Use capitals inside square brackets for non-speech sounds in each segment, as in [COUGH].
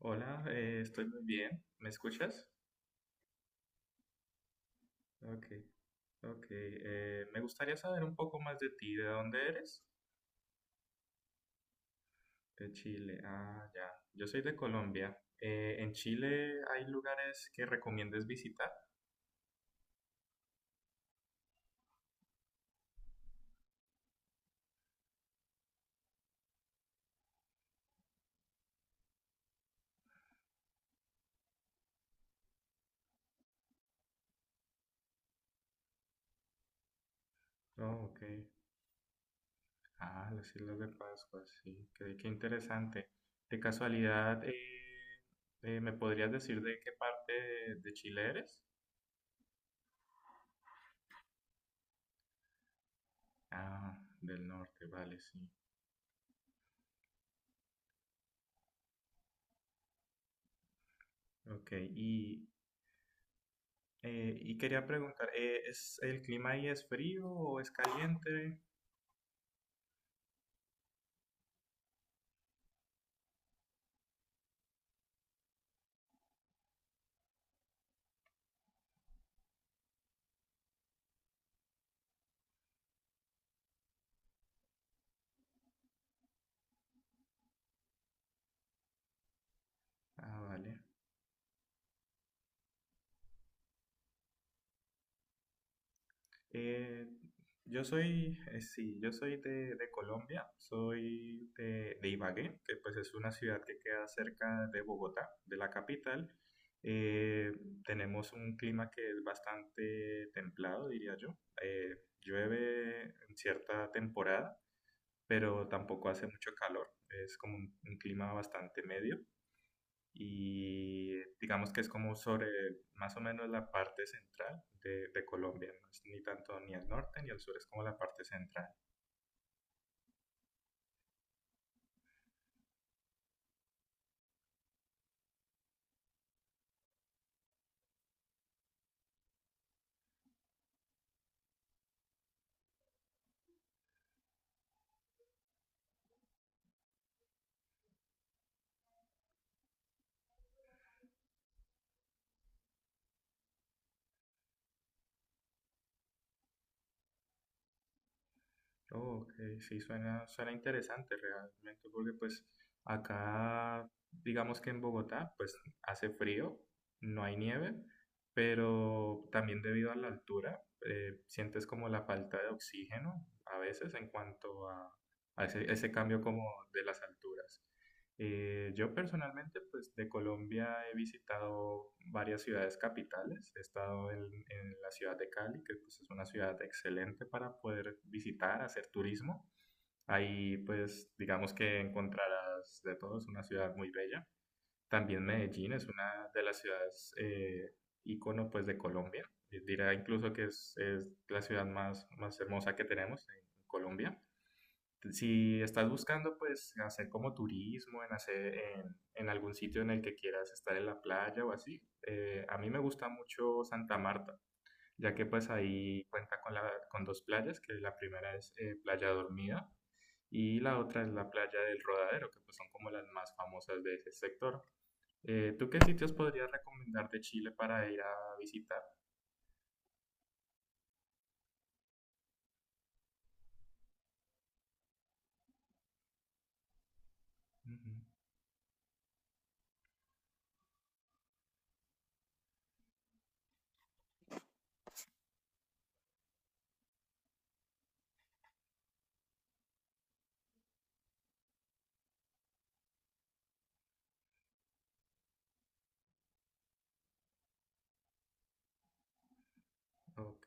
Hola, estoy muy bien. ¿Me escuchas? Ok, ok. Me gustaría saber un poco más de ti. ¿De dónde eres? De Chile. Ah, ya. Yo soy de Colombia. ¿En Chile hay lugares que recomiendes visitar? Oh, ok. Ah, las Islas de Pascua, sí. Qué interesante. De casualidad, ¿me podrías decir de qué parte de Chile eres? Ah, del norte, vale, sí. Ok, y quería preguntar, ¿es el clima ahí es frío o es caliente? Ah, vale. Eh, sí, yo soy de Colombia, soy de Ibagué, que pues es una ciudad que queda cerca de Bogotá, de la capital. Eh, tenemos un clima que es bastante templado, diría yo. Llueve en cierta temporada, pero tampoco hace mucho calor. Es como un clima bastante medio. Y digamos que es como sobre más o menos la parte central de Colombia, no es ni tanto ni al norte ni al sur, es como la parte central. Oh, ok, sí, suena interesante realmente, porque pues acá, digamos que en Bogotá, pues hace frío, no hay nieve, pero también debido a la altura, sientes como la falta de oxígeno a veces en cuanto a ese, ese cambio como de las alturas. Yo personalmente, pues de Colombia he visitado varias ciudades capitales. He estado en la ciudad de Cali, que pues, es una ciudad excelente para poder visitar, hacer turismo. Ahí, pues, digamos que encontrarás de todo, es una ciudad muy bella. También Medellín es una de las ciudades ícono, pues, de Colombia. Dirá incluso que es la ciudad más, más hermosa que tenemos en Colombia si estás buscando, pues, hacer como turismo, en hacer en algún sitio en el que quieras estar en la playa o así, a mí me gusta mucho Santa Marta, ya que pues ahí cuenta con, la, con dos playas, que la primera es Playa Dormida y la otra es la playa del Rodadero, que pues son como las más famosas de ese sector. ¿Tú qué sitios podrías recomendar de Chile para ir a visitar? Ujú. Ok,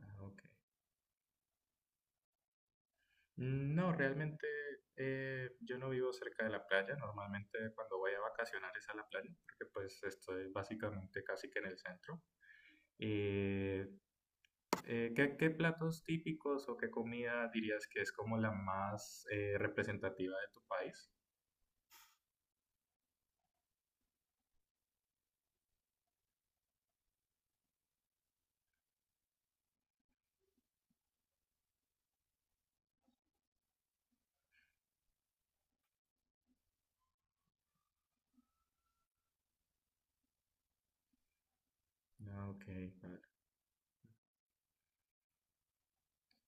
ah, ok. No, realmente yo no vivo cerca de la playa. Normalmente cuando voy a vacacionar es a la playa, porque pues estoy básicamente casi que en el centro. Eh, ¿Qué, qué platos típicos o qué comida dirías que es como la más representativa de tu país? Ah, ok.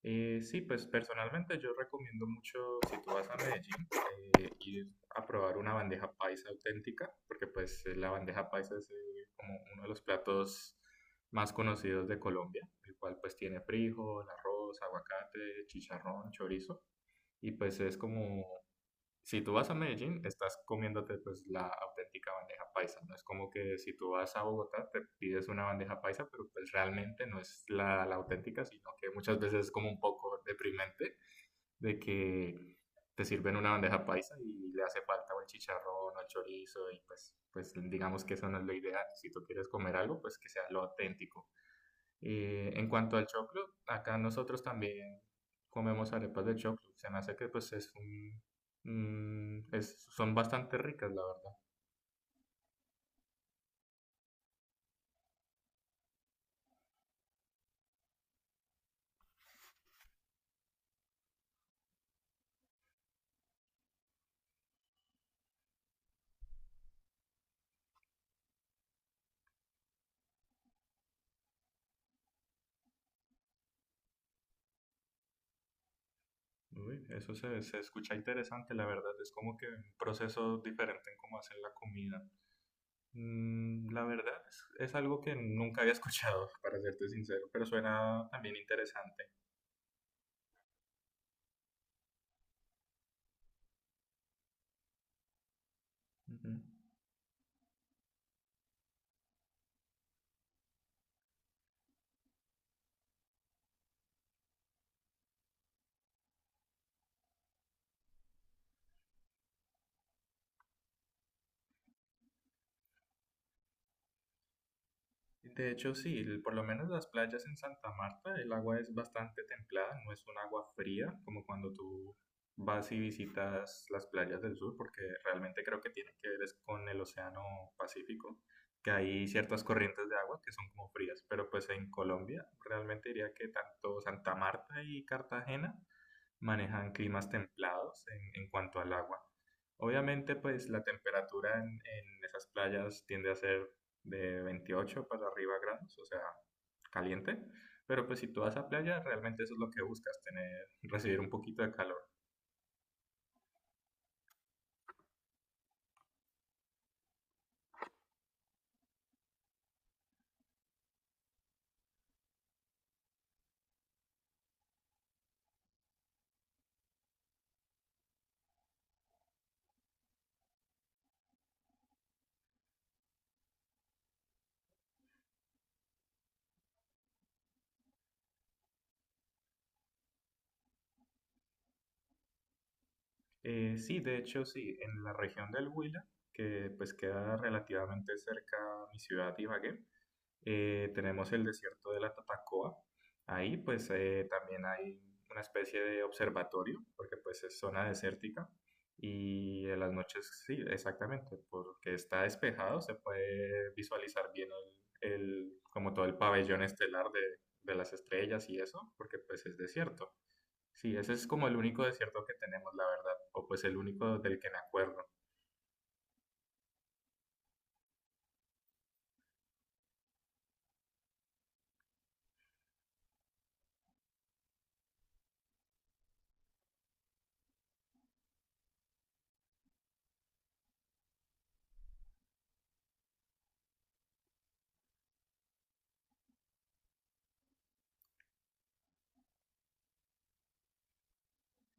Sí, pues personalmente yo recomiendo mucho, si tú vas a Medellín, ir a probar una bandeja paisa auténtica, porque pues la bandeja paisa es como uno de los platos más conocidos de Colombia, el cual pues tiene frijol, arroz, aguacate, chicharrón, chorizo, y pues es como si tú vas a Medellín, estás comiéndote pues la auténtica bandeja paisa. No es como que si tú vas a Bogotá, te pides una bandeja paisa, pero pues realmente no es la, la auténtica, sino que muchas veces es como un poco deprimente de que te sirven una bandeja paisa y le hace falta o el chicharrón o el chorizo y pues, pues digamos que eso no es lo ideal. Si tú quieres comer algo, pues que sea lo auténtico. En cuanto al choclo, acá nosotros también comemos arepas de choclo. Se me hace que pues es son bastante ricas, la verdad. Uy, se escucha interesante, la verdad. Es como que un proceso diferente en cómo hacen la comida. Mm, la verdad es algo que nunca había escuchado, [LAUGHS] para serte sincero, pero suena también interesante. Ujú. De hecho, sí, el- por lo menos las playas en Santa Marta, el agua es bastante templada, no es un agua fría como cuando tú vas y visitas las playas del sur, porque realmente creo que tiene que ver es con el Océano Pacífico, que hay ciertas corrientes de agua que son como frías, pero pues en Colombia realmente diría que tanto Santa Marta y Cartagena manejan climas templados en cuanto al agua. Obviamente, pues la temperatura en esas playas tiende a ser de 28 para arriba grados, o sea, caliente. Pero pues si tú vas a playa, realmente eso es lo que buscas, tener, recibir un poquito de calor. Sí, de hecho sí, en la región del Huila, que pues queda relativamente cerca a mi ciudad Ibagué. Tenemos el desierto de la Tatacoa. Ahí pues también hay una especie de observatorio, porque pues es zona desértica. Y en las noches, sí, exactamente, porque está despejado, se puede visualizar bien como todo el pabellón estelar de las estrellas y eso, porque pues es desierto. Sí, ese es como el único desierto que tenemos, la verdad, o pues el único del que me acuerdo.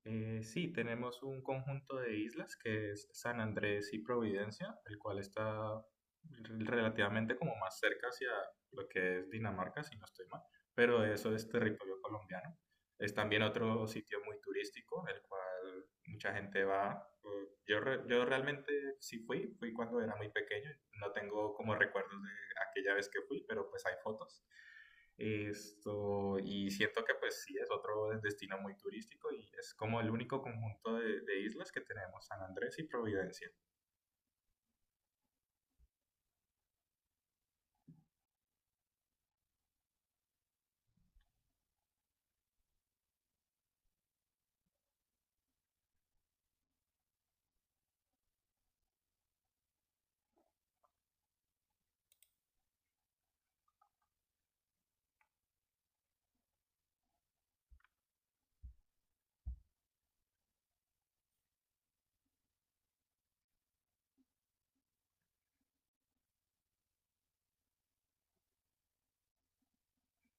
Sí, tenemos un conjunto de islas que es San Andrés y Providencia, el cual está relativamente como más cerca hacia lo que es Dinamarca, si no estoy mal, pero eso es territorio colombiano. Es también otro sitio muy turístico, el cual mucha gente va. Yo realmente sí fui, fui cuando era muy pequeño, no tengo como recuerdos de aquella vez que fui, pero pues hay fotos. Esto, y siento que pues sí, es otro destino muy turístico y es como el único conjunto de islas que tenemos, San Andrés y Providencia.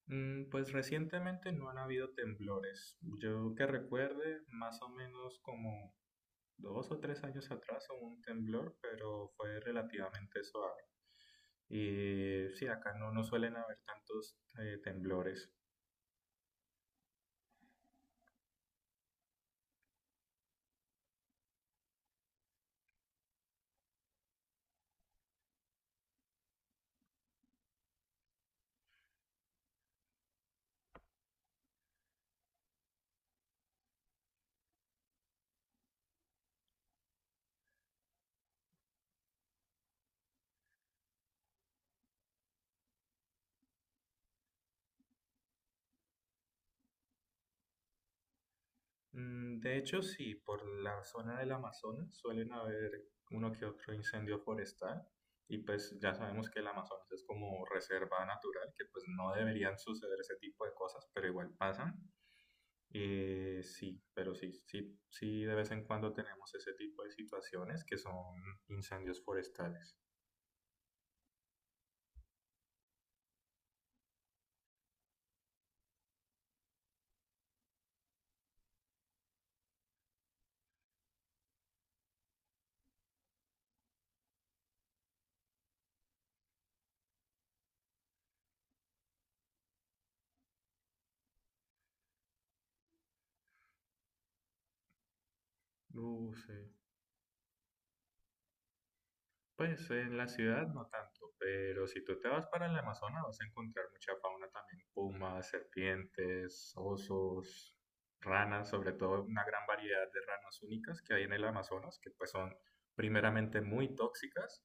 Mm, pues recientemente no han habido temblores. Yo que recuerde, más o menos como dos o tres años atrás hubo un temblor, pero fue relativamente suave. Y sí, acá no, no suelen haber tantos temblores. Mm, de hecho, sí, por la zona del Amazonas suelen haber uno que otro incendio forestal y pues ya sabemos que el Amazonas es como reserva natural, que pues no deberían suceder ese tipo de cosas, pero igual pasan. Sí, pero sí, sí, sí, de vez en cuando tenemos ese tipo de situaciones que son incendios forestales. Sí. Pues en la ciudad no tanto, pero si tú te vas para el Amazonas vas a encontrar mucha fauna también, pumas, serpientes, osos, ranas, sobre todo una gran variedad de ranas únicas que hay en el Amazonas, que pues son primeramente muy tóxicas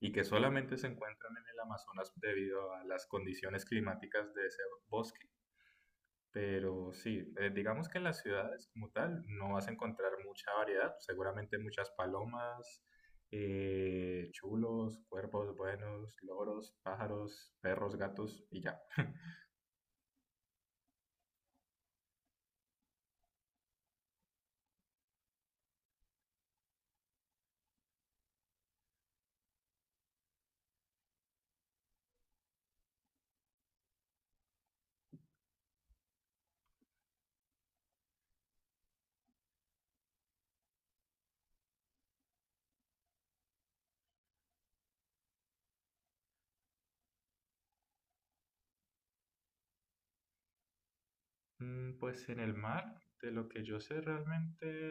y que solamente se encuentran en el Amazonas debido a las condiciones climáticas de ese bosque. Pero sí, digamos que en las ciudades como tal no vas a encontrar mucha variedad, seguramente muchas palomas, chulos, cuervos buenos, loros, pájaros, perros, gatos y ya. [LAUGHS] Mm, pues en el mar, de lo que yo sé realmente,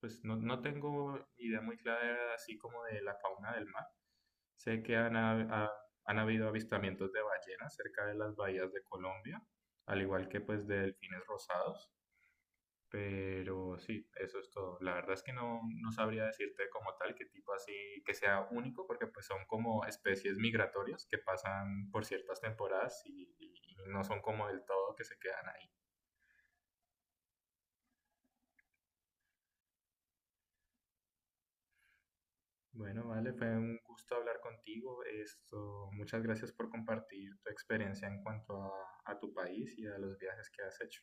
pues no, no tengo idea muy clara así como de la fauna del mar. Sé que han habido avistamientos de ballenas cerca de las bahías de Colombia, al igual que pues de delfines rosados. Pero sí, eso es todo. La verdad es que no, no sabría decirte como tal qué tipo así que sea único, porque pues son como especies migratorias que pasan por ciertas temporadas y no son como del todo que se quedan ahí. Bueno, vale, fue un gusto hablar contigo. Esto, muchas gracias por compartir tu experiencia en cuanto a tu país y a los viajes que has hecho.